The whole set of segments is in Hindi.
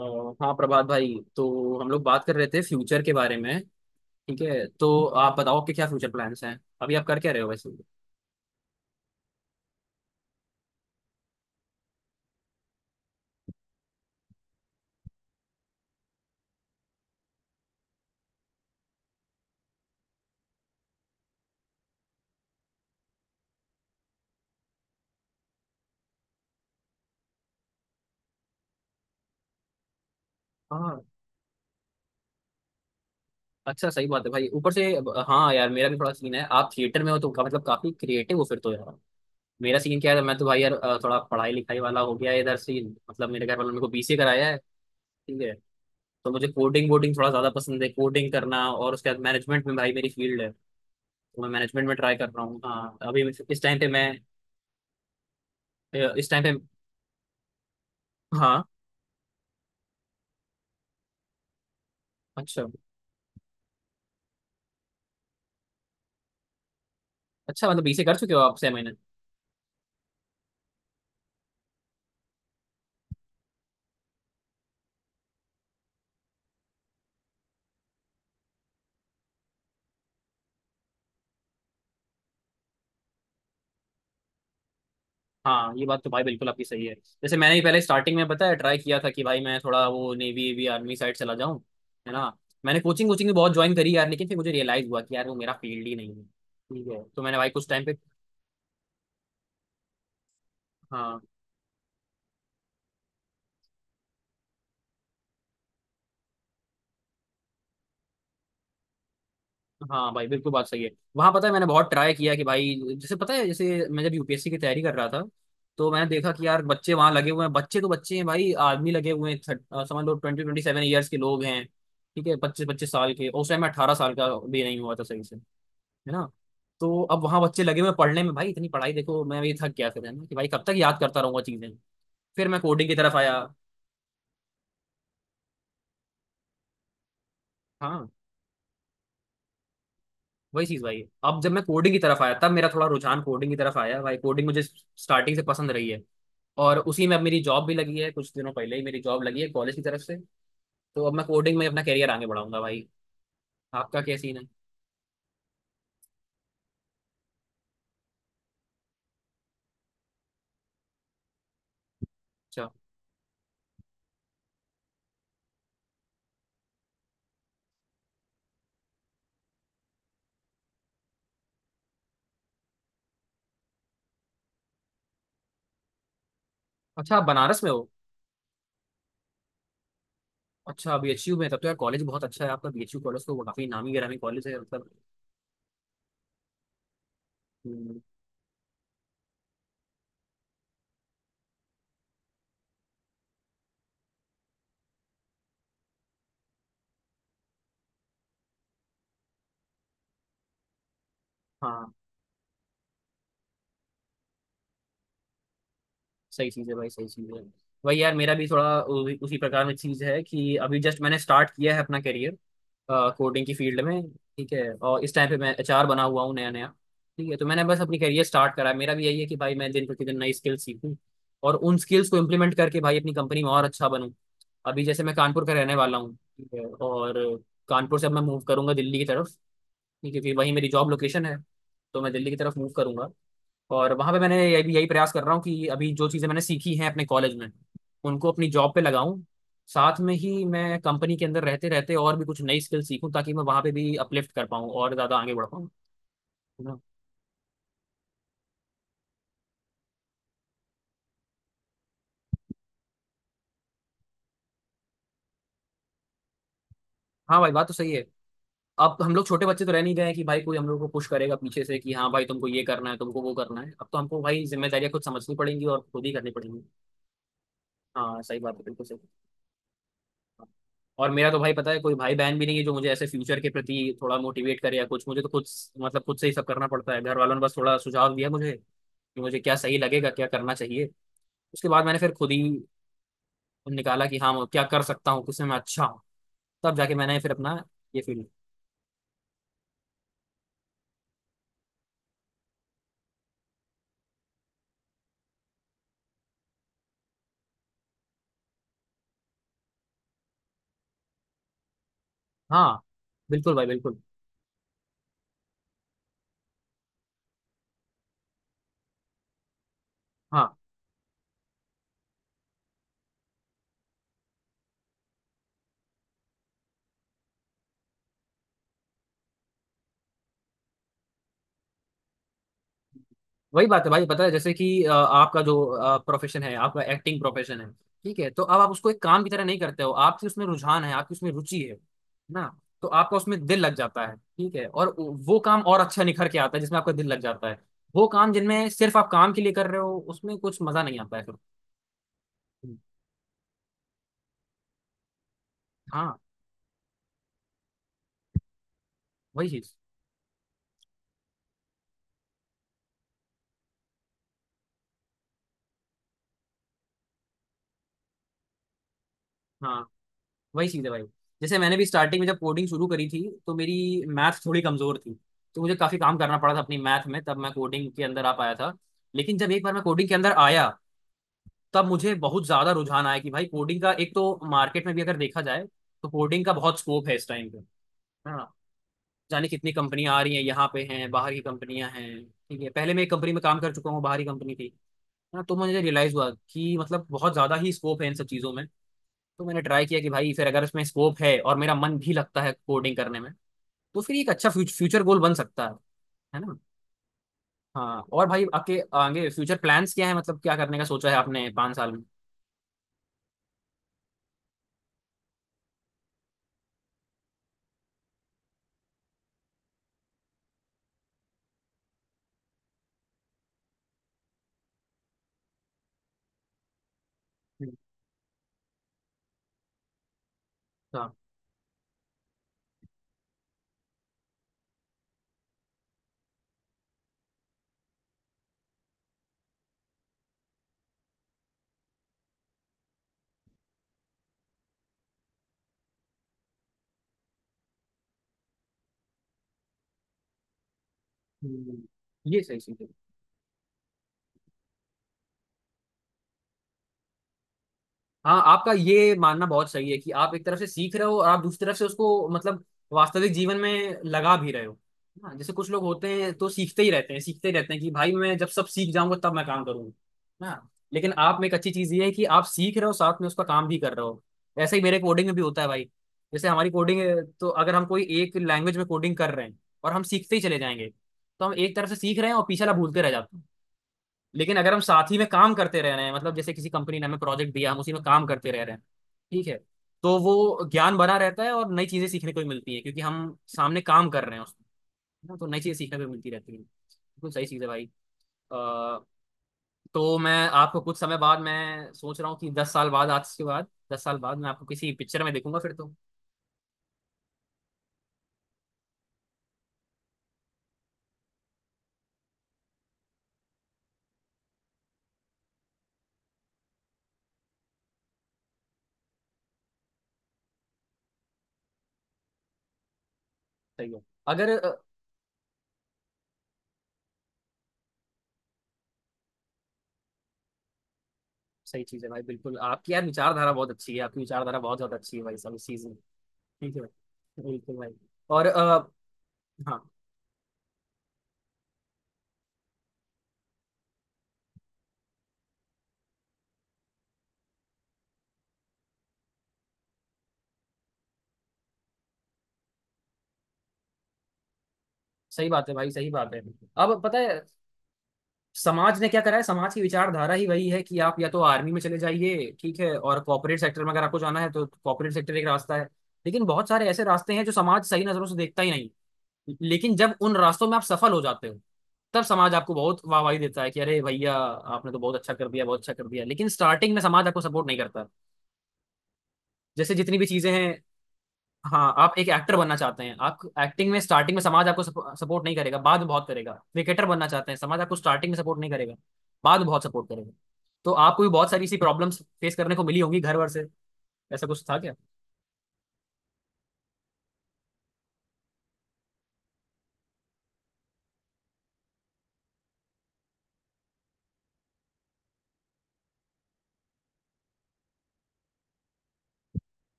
अ, हाँ प्रभात भाई, तो हम लोग बात कर रहे थे फ्यूचर के बारे में। ठीक है, तो आप बताओ आपके क्या फ्यूचर प्लान्स हैं? अभी आप कर क्या रहे हो वैसे? हाँ, अच्छा सही बात है भाई, ऊपर से। हाँ यार, मेरा भी थोड़ा सीन है। आप थिएटर में हो तो मतलब काफी क्रिएटिव हो फिर तो यार। मेरा सीन क्या है, मैं तो भाई यार थोड़ा पढ़ाई लिखाई वाला हो गया है इधर से। मतलब मेरे घर वालों ने मेरे को बीसीए कराया है। ठीक है, तो मुझे कोडिंग वोडिंग थोड़ा ज्यादा पसंद है, कोडिंग करना, और उसके बाद मैनेजमेंट में भाई मेरी फील्ड है। तो मैं मैनेजमेंट में ट्राई कर रहा हूँ, हाँ अभी इस टाइम पे मैं, इस टाइम पे। हाँ, अच्छा अच्छा, मतलब बीसी कर चुके हो आप 6 महीने? हाँ ये बात तो भाई बिल्कुल आपकी सही है। जैसे मैंने ही पहले स्टार्टिंग में बताया, ट्राई किया था कि भाई मैं थोड़ा वो नेवी एवी आर्मी साइड चला जाऊँ, है ना। मैंने कोचिंग कोचिंग भी बहुत ज्वाइन करी यार, लेकिन फिर मुझे रियलाइज हुआ कि यार वो मेरा फील्ड ही नहीं है। ठीक है, तो मैंने भाई कुछ टाइम पे, हाँ हाँ भाई बिल्कुल बात सही है। वहां पता है मैंने बहुत ट्राई किया कि भाई, जैसे पता है जैसे मैं जब यूपीएससी की तैयारी कर रहा था, तो मैंने देखा कि यार बच्चे वहां लगे हुए हैं, बच्चे तो बच्चे हैं भाई, आदमी लगे हुए हैं, समझ लो 20-27 ईयर्स के लोग हैं। ठीक है, पच्चीस पच्चीस साल के, और उस टाइम 18 साल का भी नहीं हुआ था सही से, है ना। तो अब वहां बच्चे लगे हुए हैं पढ़ने में भाई, इतनी पढ़ाई, देखो मैं भी थक गया फिर, है ना, कि भाई कब तक याद करता रहूंगा चीजें। फिर मैं कोडिंग की तरफ आया। हाँ, वही चीज भाई, अब जब मैं कोडिंग की तरफ आया तब मेरा थोड़ा रुझान कोडिंग की तरफ आया। भाई कोडिंग मुझे स्टार्टिंग से पसंद रही है, और उसी में अब मेरी जॉब भी लगी है, कुछ दिनों पहले ही मेरी जॉब लगी है कॉलेज की तरफ से। तो अब मैं कोडिंग में अपना करियर आगे बढ़ाऊंगा भाई। आपका क्या सीन है? अच्छा अच्छा, आप बनारस में हो? अच्छा, बीएचयू में, तब तो यार कॉलेज बहुत अच्छा है आपका। बीएचयू कॉलेज तो वो काफी नामी गिरामी कॉलेज है मतलब। हम्म, हाँ सही चीज़ है भाई, सही चीज़ है। वही यार, मेरा भी थोड़ा उसी प्रकार में चीज़ है कि अभी जस्ट मैंने स्टार्ट किया है अपना करियर कोडिंग की फील्ड में। ठीक है, और इस टाइम पे मैं एचआर बना हुआ हूँ नया नया। ठीक है, तो मैंने बस अपनी करियर स्टार्ट करा है। मेरा भी यही है कि भाई मैं दिन प्रतिदिन नई स्किल्स सीखूं, और उन स्किल्स को इम्प्लीमेंट करके भाई अपनी कंपनी में और अच्छा बनूं। अभी जैसे मैं कानपुर का रहने वाला हूँ, ठीक है, और कानपुर से अब मैं मूव करूंगा दिल्ली की तरफ, ठीक है, क्योंकि वही मेरी जॉब लोकेशन है। तो मैं दिल्ली की तरफ मूव करूंगा, और वहां पे मैंने यही यही प्रयास कर रहा हूँ कि अभी जो चीजें मैंने सीखी हैं अपने कॉलेज में, उनको अपनी जॉब पे लगाऊं। साथ में ही मैं कंपनी के अंदर रहते रहते और भी कुछ नई स्किल सीखूं, ताकि मैं वहां पे भी अपलिफ्ट कर पाऊँ और ज्यादा आगे बढ़ पाऊँ, है ना। हाँ भाई बात तो सही है। अब हम लोग छोटे बच्चे तो रह नहीं गए हैं कि भाई कोई हम लोग को पुश करेगा पीछे से कि हाँ भाई तुमको ये करना है तुमको वो करना है। अब तो हमको भाई जिम्मेदारियां खुद समझनी पड़ेंगी और खुद ही करनी पड़ेंगी। हाँ सही बात है, बिल्कुल सही। और मेरा तो भाई पता है कोई भाई बहन भी नहीं है जो मुझे ऐसे फ्यूचर के प्रति थोड़ा मोटिवेट करे या कुछ। मुझे तो खुद, मतलब खुद से ही सब करना पड़ता है। घर वालों ने बस थोड़ा सुझाव दिया मुझे कि मुझे क्या सही लगेगा, क्या करना चाहिए। उसके बाद मैंने फिर खुद ही निकाला कि हाँ मैं क्या कर सकता हूँ, किसमें मैं अच्छा हूँ। तब जाके मैंने फिर अपना ये फील्ड। हाँ बिल्कुल भाई, बिल्कुल। हाँ वही बात है भाई, पता है जैसे कि आपका जो प्रोफेशन है, आपका एक्टिंग प्रोफेशन है, ठीक है, तो अब आप उसको एक काम की तरह नहीं करते हो, आपकी उसमें रुझान है, आपकी उसमें रुचि है, ना, तो आपका उसमें दिल लग जाता है, ठीक है, और वो काम और अच्छा निखर के आता है जिसमें आपका दिल लग जाता है। वो काम जिनमें सिर्फ आप काम के लिए कर रहे हो, उसमें कुछ मजा नहीं आता है फिर। हाँ वही चीज, हाँ वही चीज़ है भाई। जैसे मैंने भी स्टार्टिंग में जब कोडिंग शुरू करी थी तो मेरी मैथ थोड़ी कमजोर थी। तो मुझे काफी काम करना पड़ा था अपनी मैथ में, तब मैं कोडिंग के अंदर आ पाया था। लेकिन जब एक बार मैं कोडिंग के अंदर आया, तब मुझे बहुत ज्यादा रुझान आया कि भाई कोडिंग का एक तो मार्केट में भी अगर देखा जाए तो कोडिंग का बहुत स्कोप है इस टाइम पे, है ना। जाने कितनी कंपनियां आ रही हैं यहाँ पे, हैं बाहर की कंपनियां, हैं। ठीक है, पहले मैं एक कंपनी में काम कर चुका हूँ, बाहर की कंपनी थी, है ना। तो मुझे रियलाइज हुआ कि मतलब बहुत ज्यादा ही स्कोप है इन सब चीजों में। तो मैंने ट्राई किया कि भाई फिर अगर उसमें स्कोप है और मेरा मन भी लगता है कोडिंग करने में, तो फिर ये एक अच्छा फ्यूचर गोल बन सकता है ना। हाँ, और भाई आपके आगे फ्यूचर प्लान्स क्या है, मतलब क्या करने का सोचा है आपने 5 साल में? हम्म, हाँ, हम्म, ये सही चीज है। हाँ आपका ये मानना बहुत सही है कि आप एक तरफ से सीख रहे हो और आप दूसरी तरफ से उसको मतलब वास्तविक जीवन में लगा भी रहे हो। हाँ जैसे कुछ लोग होते हैं तो सीखते ही रहते हैं, सीखते ही रहते हैं कि भाई मैं जब सब सीख जाऊंगा तब मैं काम करूंगा। हाँ, लेकिन आप में एक अच्छी चीज ये है कि आप सीख रहे हो, साथ में उसका काम भी कर रहे हो। ऐसा ही मेरे कोडिंग में भी होता है भाई। जैसे हमारी कोडिंग, तो अगर हम कोई एक लैंग्वेज में कोडिंग कर रहे हैं और हम सीखते ही चले जाएंगे, तो हम एक तरफ से सीख रहे हैं और पीछे वाला भूलते रह जाते हैं। लेकिन अगर हम साथ ही में काम करते रह रहे हैं, मतलब जैसे किसी कंपनी ने हमें प्रोजेक्ट दिया, हम उसी में काम करते रह रहे हैं, ठीक है, तो वो ज्ञान बना रहता है, और नई चीजें सीखने को भी मिलती हैं क्योंकि हम सामने काम कर रहे हैं उसमें, है ना। तो नई चीजें सीखने को भी मिलती रहती हैं, बिल्कुल सही चीज़ है भाई। अ, तो मैं आपको कुछ समय बाद, मैं सोच रहा हूँ कि 10 साल बाद, आज के बाद 10 साल बाद मैं आपको किसी पिक्चर में देखूंगा फिर तो। सही है। अगर सही चीज़ है भाई, बिल्कुल। आपकी यार विचारधारा बहुत अच्छी है, आपकी विचारधारा बहुत ज़्यादा अच्छी है भाई, सब इस चीज़ में। ठीक है भाई, बिल्कुल भाई। और हाँ सही बात है भाई, सही बात है। अब पता है समाज ने क्या करा है, समाज की विचारधारा ही वही है कि आप या तो आर्मी में चले जाइए, ठीक है, और कॉर्पोरेट सेक्टर में अगर आपको जाना है तो कॉर्पोरेट सेक्टर एक रास्ता है। लेकिन बहुत सारे ऐसे रास्ते हैं जो समाज सही नजरों से देखता ही नहीं। लेकिन जब उन रास्तों में आप सफल हो जाते हो, तब समाज आपको बहुत वाहवाही देता है कि अरे भैया आपने तो बहुत अच्छा कर दिया, बहुत अच्छा कर दिया, लेकिन स्टार्टिंग में समाज आपको सपोर्ट नहीं करता। जैसे जितनी भी चीजें हैं, हाँ आप एक एक्टर बनना चाहते हैं, आप एक्टिंग में स्टार्टिंग में समाज आपको सपोर्ट नहीं करेगा, बाद में बहुत करेगा। क्रिकेटर बनना चाहते हैं, समाज आपको स्टार्टिंग में सपोर्ट नहीं करेगा, बाद में बहुत सपोर्ट करेगा। तो आपको भी बहुत सारी ऐसी प्रॉब्लम्स फेस करने को मिली होंगी घर वर से, ऐसा कुछ था क्या?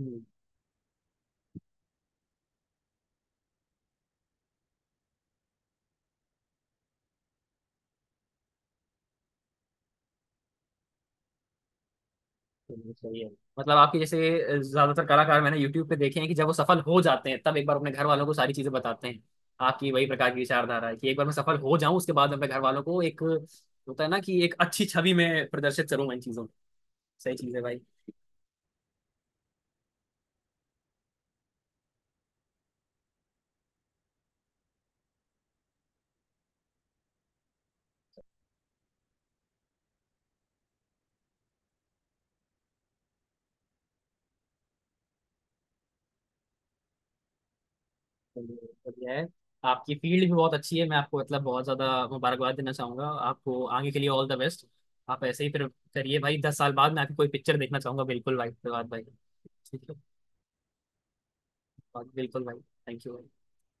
हम्म, चलिए, सही है। मतलब आपके जैसे ज्यादातर कलाकार मैंने यूट्यूब पे देखे हैं कि जब वो सफल हो जाते हैं, तब एक बार अपने घर वालों को सारी चीजें बताते हैं। आपकी वही प्रकार की विचारधारा है कि एक बार मैं सफल हो जाऊं उसके बाद अपने घर वालों को, एक होता है ना कि एक अच्छी छवि में प्रदर्शित करूंगा इन चीजों को। सही चीज है भाई। चलिए, बढ़िया है। आपकी फील्ड भी बहुत अच्छी है, मैं आपको मतलब बहुत ज्यादा मुबारकबाद देना चाहूंगा, आपको आगे के लिए ऑल द बेस्ट। आप ऐसे ही फिर करिए भाई, 10 साल बाद मैं आपकी कोई पिक्चर देखना चाहूंगा, बिल्कुल भाई, धन्यवाद भाई। ठीक है, बिल्कुल भाई। Thank you.